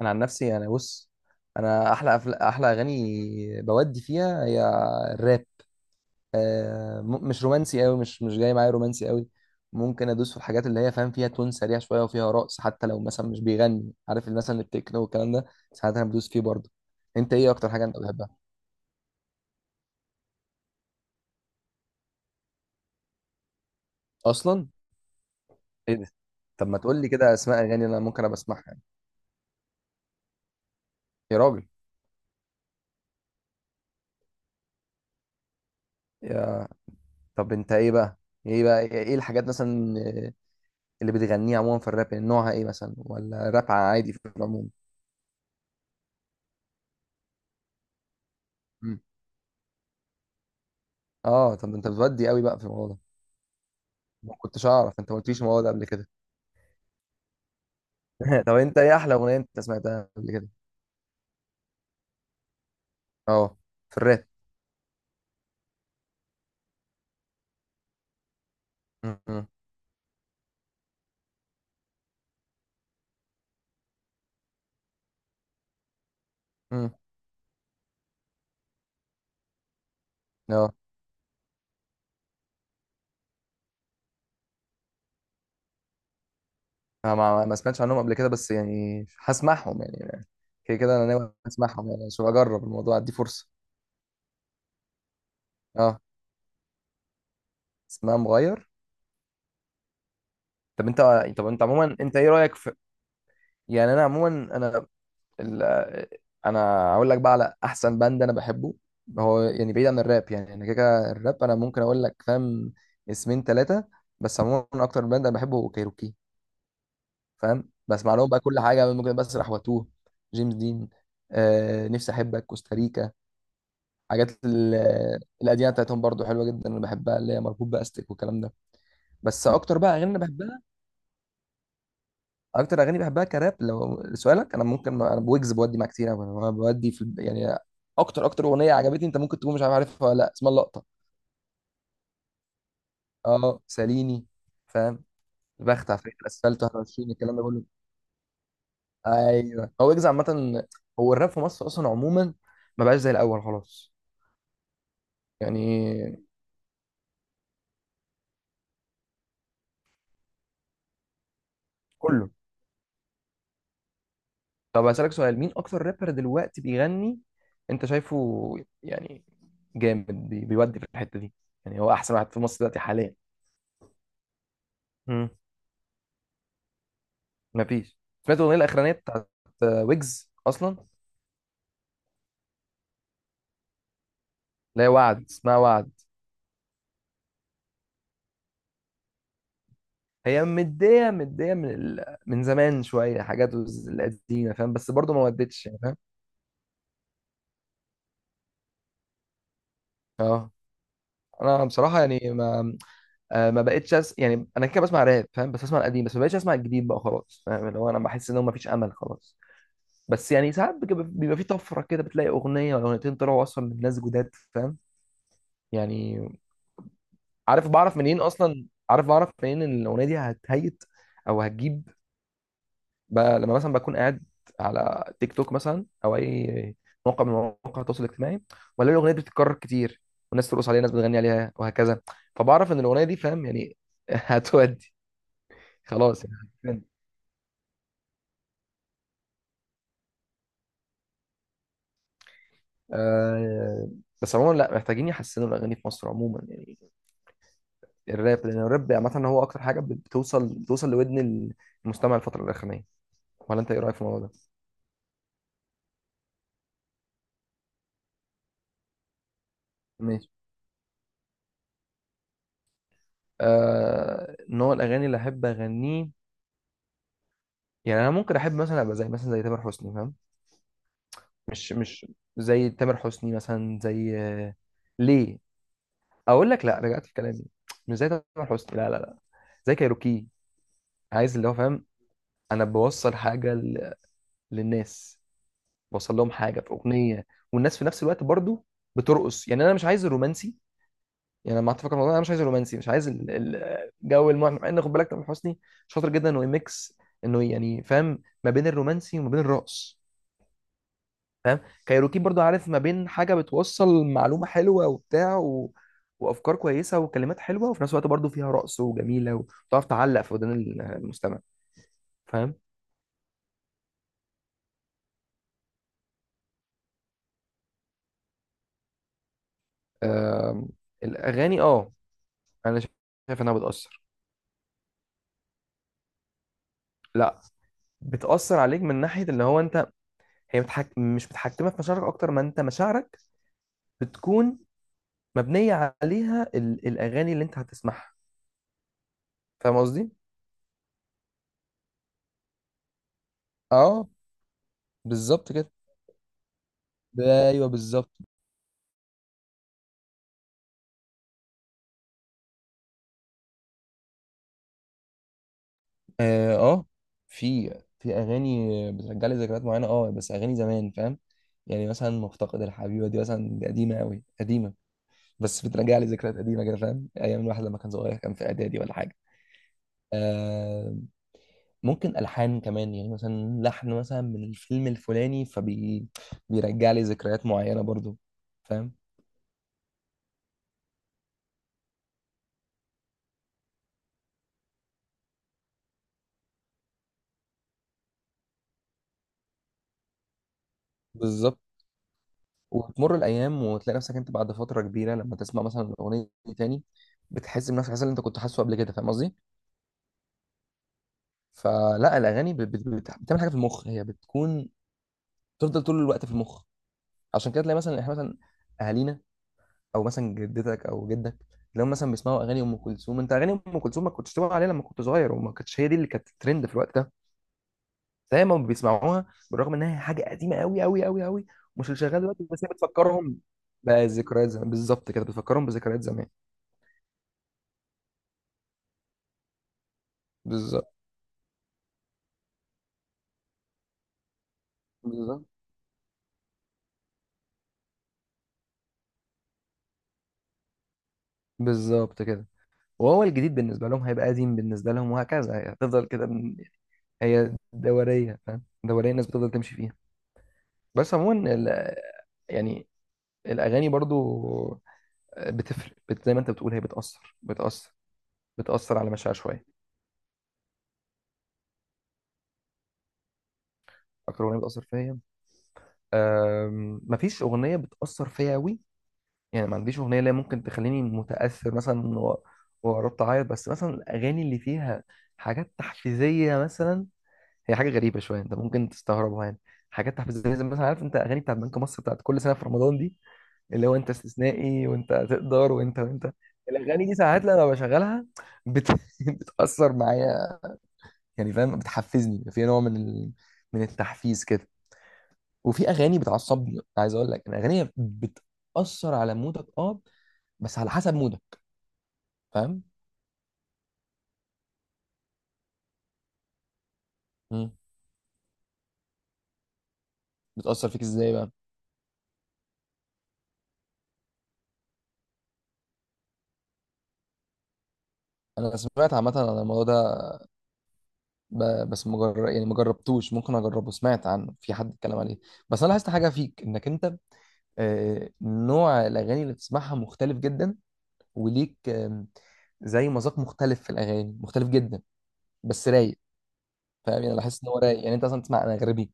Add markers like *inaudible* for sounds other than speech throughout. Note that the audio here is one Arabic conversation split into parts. انا عن نفسي انا بص. انا احلى احلى اغاني بودي فيها هي الراب. مش رومانسي قوي، مش جاي معايا رومانسي قوي. ممكن ادوس في الحاجات اللي هي، فاهم، فيها تون سريع شويه وفيها رقص، حتى لو مثلا مش بيغني، عارف، مثلا التكنو والكلام ده. ساعات انا بدوس فيه برضه. انت ايه اكتر حاجه انت بتحبها؟ اصلا ايه ده؟ طب ما تقول لي كده اسماء اغاني اللي انا ممكن ابقى اسمعها يعني. يا راجل. يا... طب انت ايه بقى؟ ايه الحاجات مثلا اللي بتغنيها عموما في الراب؟ يعني نوعها ايه مثلا، ولا راب عادي في العموم؟ مم. اه، طب انت بتودي قوي بقى في الموضوع ده؟ ما كنتش اعرف، انت ما قلتليش الموضوع ده قبل كده. *laughs* طب انت ايه احلى اغنيه انت سمعتها قبل كده؟ اه، في الراب. مم. مم. مم. اه. أنا ما سمعتش عنهم قبل كده، بس يعني هسمعهم يعني. كده كده انا ناوي اسمعهم يعني، عشان اجرب الموضوع، ادي فرصه. اه، اسمها مغير. طب انت، طب انت عموما، انت ايه رايك في، يعني انا عموما، انا ال- انا هقول لك بقى على احسن باند انا بحبه. هو يعني بعيد عن الراب، يعني انا كده كده الراب انا ممكن اقول لك، فاهم، اسمين ثلاثه. بس عموما اكتر باند انا بحبه هو كايروكي، فاهم، بسمع لهم بقى كل حاجه، ممكن بسرح واتوه. جيمس دين، آه نفسي احبك، كوستاريكا، حاجات القديمه بتاعتهم برضو حلوه جدا، انا بحبها، اللي هي مربوط باستك والكلام ده. بس اكتر بقى اغاني انا بحبها، اكتر اغاني بحبها كراب لو سؤالك، انا ممكن، انا بويجز بودي معاه كتير أوي. انا بودي في يعني، اكتر اغنيه عجبتني، انت ممكن تكون مش عارفها ولا لا، اسمها اللقطه. اه، ساليني، فاهم، بخت على فريق الاسفلت 21، الكلام ده كله. ايوه، هو ويجز عامه، هو الراب في مصر اصلا عموما ما بقاش زي الاول خلاص، يعني كله. طب هسألك سؤال، مين اكتر رابر دلوقتي بيغني انت شايفه يعني جامد، بيودي في الحته دي، يعني هو احسن واحد في مصر دلوقتي حاليا؟ مفيش. سمعت الاغنيه الاخرانيه بتاعت ويجز اصلا، اللي هي وعد، اسمها وعد؟ هي مديه مديه من من زمان شويه، حاجات القديمه فاهم، بس برضو ما ودتش يعني، فاهم. اه، انا بصراحه يعني ما، ما بقتش يعني انا كده بسمع راب، فاهم، بس بسمع القديم بس، ما بقتش اسمع الجديد بقى خلاص، فاهم، اللي هو انا بحس ان هو ما فيش امل خلاص. بس يعني ساعات بيبقى في طفره كده، بتلاقي اغنيه ولا اغنيتين طلعوا اصلا من ناس جداد، فاهم يعني. عارف بعرف منين ان الاغنيه دي هتهيت او هتجيب. لما مثلا بكون قاعد على تيك توك مثلا، او اي موقع من مواقع التواصل الاجتماعي، ولا الاغنيه دي بتتكرر كتير، والناس ترقص عليها، ناس بتغني عليها وهكذا، فبعرف ان الاغنيه دي، فاهم يعني، *laughs* هتودي خلاص يعني. آه بس عموما لا، محتاجين يحسنوا الاغاني في مصر عموما يعني الراب، لان الراب عامه هو اكتر حاجه بتوصل لودن المستمع الفتره الاخرانيه. ولا انت ايه رايك في الموضوع ده؟ ماشي. نوع الاغاني اللي احب اغنيه، يعني انا ممكن احب مثلا ابقى زي مثلا زي تامر حسني، فاهم، مش زي تامر حسني مثلا، زي ليه. اقول لك لا، رجعت في كلامي. مش زي تامر حسني، لا لا لا، زي كايروكي. عايز اللي هو، فاهم، انا بوصل حاجه للناس، بوصل لهم حاجه في اغنيه، والناس في نفس الوقت برضو بترقص. يعني انا مش عايز الرومانسي، يعني انا ما اتفق الموضوع، انا مش عايز الرومانسي، مش عايز الجو. المهم، مع ان خد بالك تامر حسني شاطر جدا انه يميكس، انه يعني، فاهم، ما بين الرومانسي وما بين الرقص، فاهم. كايروكي برضو، عارف، ما بين حاجه بتوصل معلومه حلوه وبتاع وافكار كويسه وكلمات حلوه، وفي نفس الوقت برضو فيها رقص وجميله وتعرف تعلق في ودان المستمع، فاهم. آم، الاغاني اه. انا شايف انها بتاثر. لا بتاثر عليك من ناحيه اللي هو انت، هي مش متحكمه في مشاعرك اكتر ما انت مشاعرك بتكون مبنيه عليها الاغاني اللي انت هتسمعها، فاهم قصدي. اه بالظبط كده، ايوه بالظبط. اه، في، في اغاني بترجع لي ذكريات معينه اه، بس اغاني زمان، فاهم. يعني مثلا مفتقد الحبيبه دي مثلا، دي قديمه قوي قديمه، بس بترجع لي ذكريات قديمه كده، فاهم، ايام الواحد لما كان صغير، كان في اعدادي ولا حاجه. آه، ممكن الحان كمان يعني، مثلا لحن مثلا من الفيلم الفلاني، فبي بيرجع لي ذكريات معينه برضو، فاهم. بالظبط. وتمر الايام وتلاقي نفسك انت بعد فتره كبيره، لما تسمع مثلا الاغنيه دي تاني، بتحس بنفس الاحساس اللي انت كنت حاسه قبل كده، فاهم قصدي. فلا الاغاني بتعمل حاجه في المخ، هي بتكون تفضل طول الوقت في المخ. عشان كده تلاقي مثلا احنا مثلا، اهالينا او مثلا جدتك او جدك، لو مثلا بيسمعوا اغاني ام كلثوم، انت اغاني ام كلثوم ما كنتش تسمع عليها لما كنت صغير، وما كانتش هي دي اللي كانت ترند في الوقت ده زي ما بيسمعوها، بالرغم انها حاجه قديمه قوي قوي قوي قوي، مش اللي شغال دلوقتي، بس هي بتفكرهم بذكريات زمان. بالظبط كده، بتفكرهم بذكريات زمان. بالظبط بالظبط بالظبط كده. وهو الجديد بالنسبه لهم هيبقى قديم بالنسبه لهم، وهكذا هتفضل كده. هي دورية، فاهم، دورية الناس بتفضل تمشي فيها. بس عموما يعني الأغاني برضو بتفرق، بت زي ما أنت بتقول، هي بتأثر، بتأثر، بتأثر على مشاعر شوية. أكتر أغنية بتأثر فيا، مفيش أغنية بتأثر فيا أوي، يعني ما عنديش أغنية اللي هي ممكن تخليني متأثر مثلا وقربت أعيط. بس مثلا الأغاني اللي فيها حاجات تحفيزية مثلا، هي حاجة غريبة شوية، أنت ممكن تستغربها يعني، حاجات تحفيزية زي مثلا، عارف أنت، أغاني بتاعت بنك مصر بتاعت كل سنة في رمضان دي، اللي هو انت استثنائي وانت هتقدر وانت وانت. الاغاني دي ساعات لما بشغلها بت... *laughs* بتاثر معايا يعني، فاهم، بتحفزني في نوع من من التحفيز كده. وفي اغاني بتعصبني. عايز اقول لك الاغاني بتاثر على مودك، اه، بس على حسب مودك، فاهم. مم. بتاثر فيك ازاي بقى؟ انا سمعت عامه عن الموضوع ده، بس مجرد يعني ما جربتوش، ممكن اجربه، سمعت عنه، في حد اتكلم عليه. بس انا لاحظت حاجه فيك، انك انت نوع الاغاني اللي بتسمعها مختلف جدا، وليك زي مذاق مختلف في الاغاني، مختلف جدا بس رايق، فاهم يعني. انا بحس ان هو رايق، يعني انت اصلا تسمع انغربي،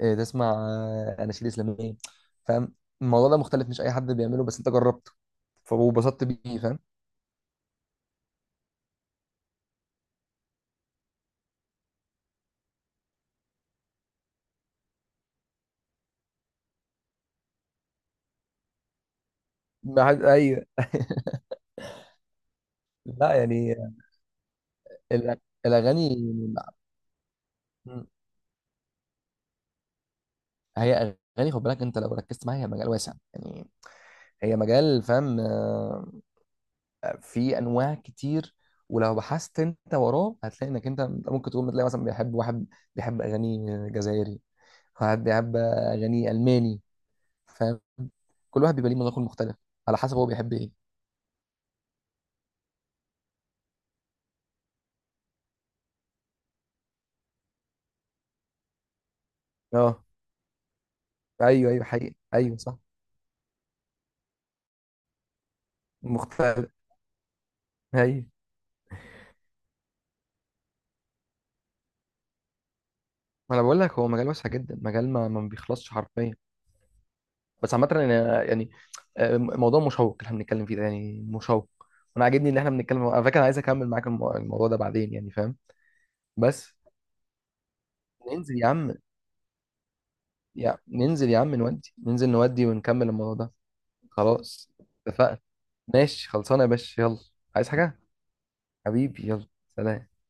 تسمع اناشيد اسلاميه، فاهم. الموضوع ده مختلف، مش اي حد بيعمله، بس انت جربته فبسطت بيه، فاهم. ما حد، ايوه. *laughs* لا يعني الأ- الاغاني هي اغاني، خد بالك انت لو ركزت معايا، هي مجال واسع يعني، هي مجال، فاهم، في انواع كتير. ولو بحثت انت وراه هتلاقي انك انت ممكن تكون بتلاقي مثلا، بيحب واحد بيحب اغاني جزائري، واحد بيحب اغاني الماني، فاهم. كل واحد بيبقى ليه مذاق مختلف على حسب هو بيحب ايه. اه ايوه ايوه حقيقي، ايوه صح، مختلف، ايوه. ما انا بقول لك، هو مجال واسع جدا، مجال ما بيخلصش حرفيا. بس عامه أنا يعني، موضوع مشوق اللي احنا بنتكلم فيه ده، يعني مشوق، وانا عاجبني ان احنا بنتكلم على فكره، انا عايز اكمل معاك الموضوع ده بعدين، يعني فاهم. بس ننزل يا عم، يا ننزل يا عم نودي، ننزل نودي ونكمل الموضوع ده. خلاص، اتفقنا. ماشي، خلصانه يا باشا، يلا. عايز حاجه. حبيبي يلا، سلام.